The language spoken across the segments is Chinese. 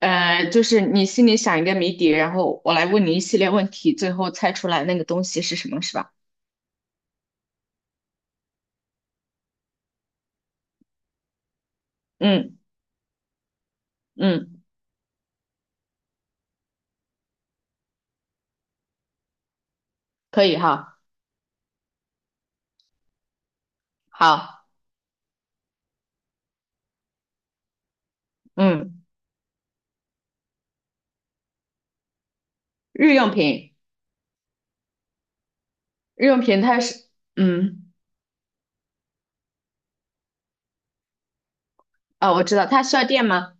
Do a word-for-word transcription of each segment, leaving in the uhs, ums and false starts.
呃，就是你心里想一个谜底，然后我来问你一系列问题，最后猜出来那个东西是什么，是吧？嗯嗯，可以哈，好，嗯，日用品，日用品它是，嗯，啊，我知道，它需要电吗？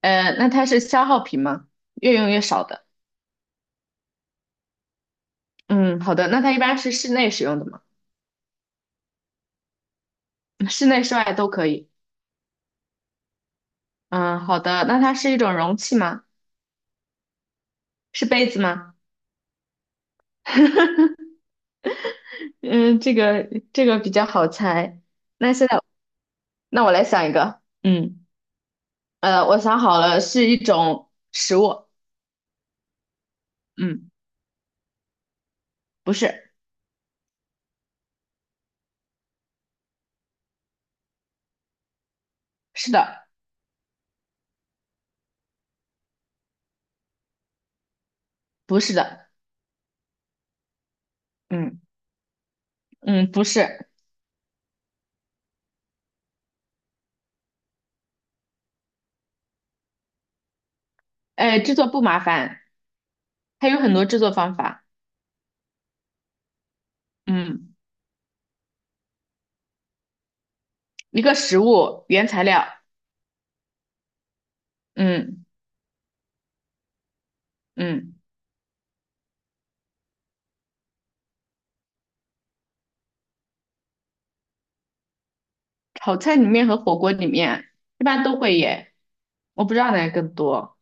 呃，那它是消耗品吗？越用越少的。嗯，好的，那它一般是室内使用的吗？嗯，室内室外都可以。嗯，好的，那它是一种容器吗？是杯子吗？嗯，这个这个比较好猜。那现在。那我来想一个，嗯，呃，我想好了，是一种食物。嗯，不是。是的。不是的。嗯嗯，不是。呃，制作不麻烦，它有很多制作方法。嗯，一个食物原材料。嗯嗯，炒菜里面和火锅里面一般都会耶，我不知道哪个更多。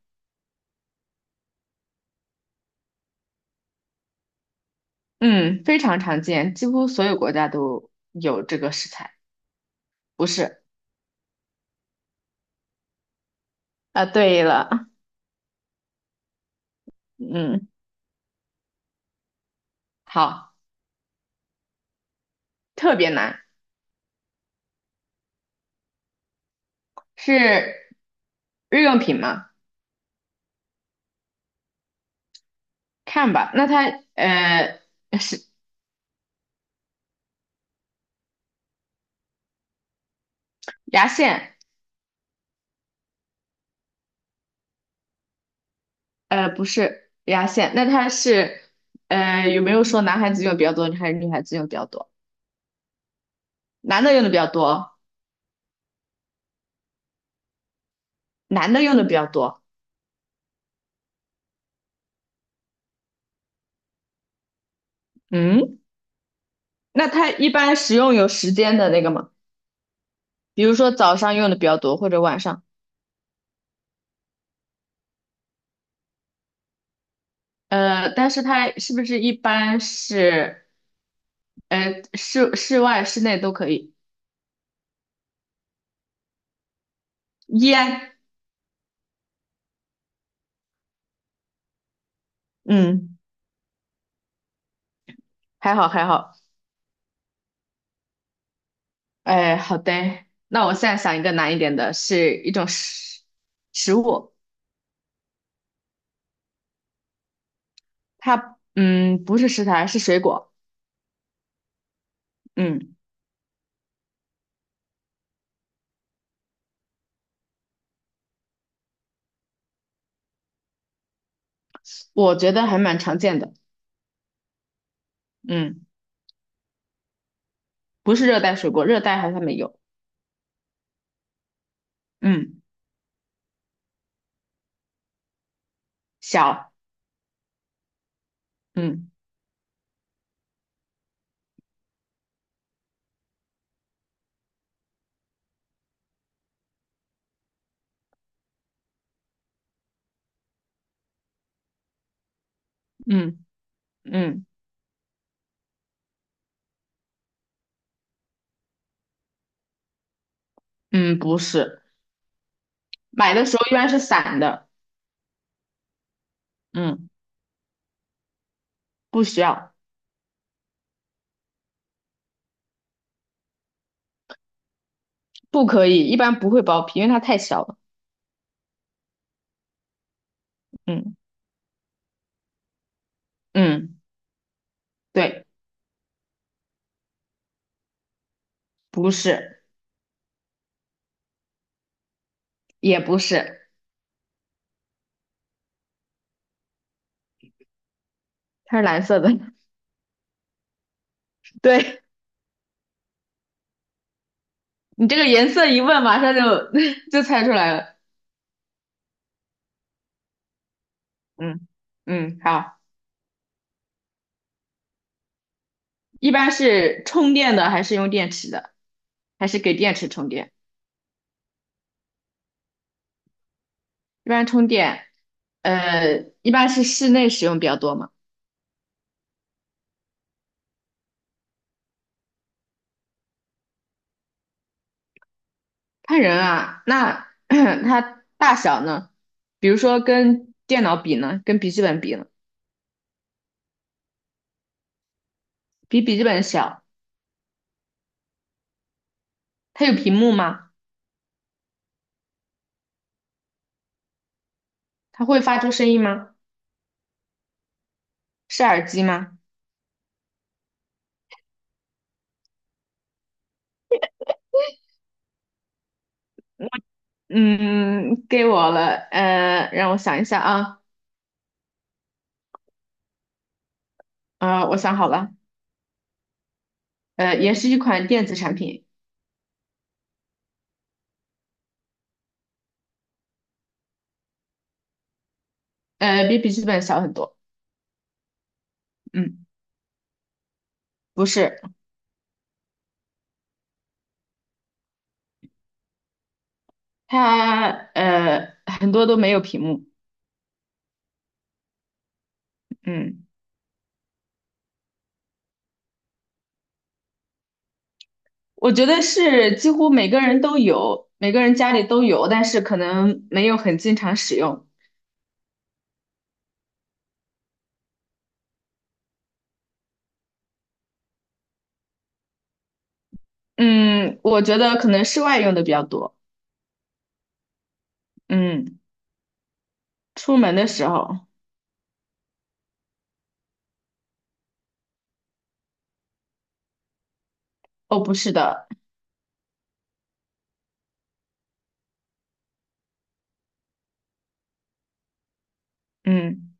嗯，非常常见，几乎所有国家都有这个食材。不是。啊，对了。嗯，好，特别难，是。日用品吗？看吧。那它呃是牙线，呃不是牙线。那它是呃有没有说男孩子用的比较多，还是女孩子用的比较多？男的用的比较多，男的用的比较多。嗯，那它一般使用有时间的那个吗？比如说早上用的比较多，或者晚上。呃，但是它是不是一般是呃室室外室内都可以？烟。嗯，还好还好。哎，好的，那我现在想一个难一点的，是一种食食物。它嗯不是食材，是水果。嗯，我觉得还蛮常见的。嗯，不是热带水果，热带好像没有。嗯，小。嗯嗯嗯嗯，不是。买的时候一般是散的。嗯，不需要。不可以，一般不会剥皮，因为它太小了。嗯嗯，对。不是。也不是。它是蓝色的。对，你这个颜色一问，马上就 就猜出来了。嗯嗯，好。一般是充电的还是用电池的，还是给电池充电？一般充电。呃，一般是室内使用比较多嘛。看人啊，那 它大小呢？比如说跟电脑比呢，跟笔记本比呢，比笔记本小。它有屏幕吗？它会发出声音吗？是耳机吗？嗯，给我了，呃，让我想一下啊。呃，我想好了。呃，也是一款电子产品。呃，比笔记本小很多。嗯，不是。它呃很多都没有屏幕。嗯，我觉得是几乎每个人都有，每个人家里都有，但是可能没有很经常使用。嗯，我觉得可能室外用的比较多。嗯，出门的时候。哦，不是的。嗯，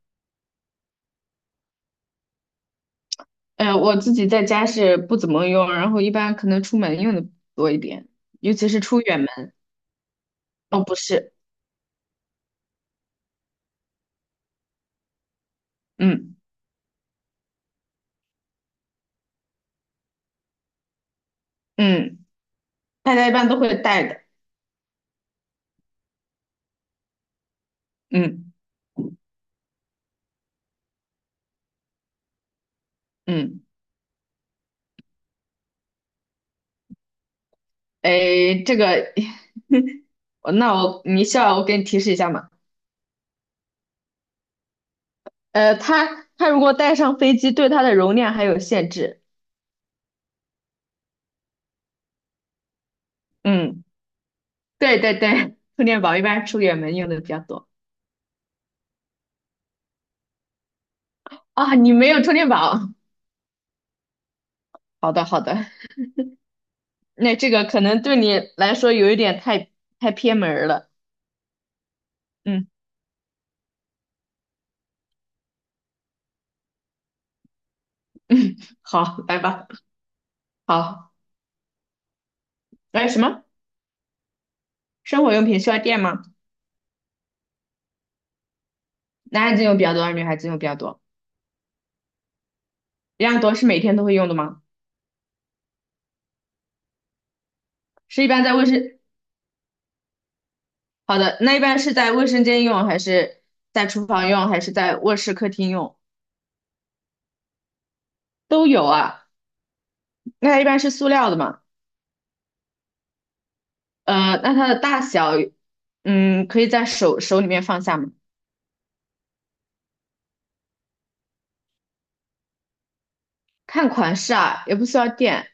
呃，我自己在家是不怎么用，然后一般可能出门用的多一点，尤其是出远门。哦，不是。嗯嗯。大家一般都会带的。嗯嗯，诶，这个，那我你需要我给你提示一下吗？呃，它它如果带上飞机，对它的容量还有限制。嗯，对对对，充电宝一般出远门用的比较多啊。你没有充电宝。好的好的。那这个可能对你来说有一点太太偏门儿了。嗯，好，来吧。好，哎，什么？生活用品需要电吗？男孩子用比较多，还是女孩子用比较多？一样多。是每天都会用的吗？是一般在卫生好的，那一般是在卫生间用，还是在厨房用，还是在卧室、客厅用？都有啊。那它一般是塑料的嘛？呃，那它的大小，嗯，可以在手手里面放下吗？看款式啊，也不需要垫。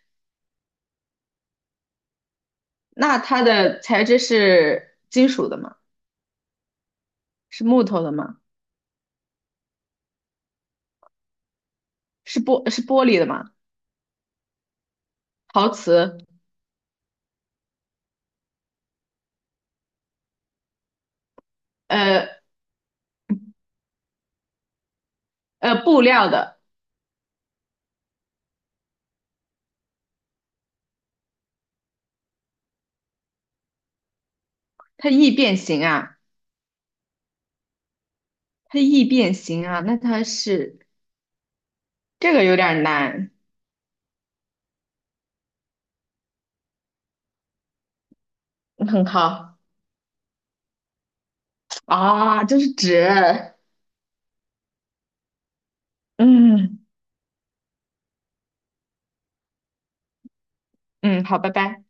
那它的材质是金属的吗？是木头的吗？是玻是玻璃的吗？陶瓷？呃呃，布料的。它易变形啊，它易变形啊。那它是这个有点难。很好。啊，这是纸。嗯嗯，好，拜拜。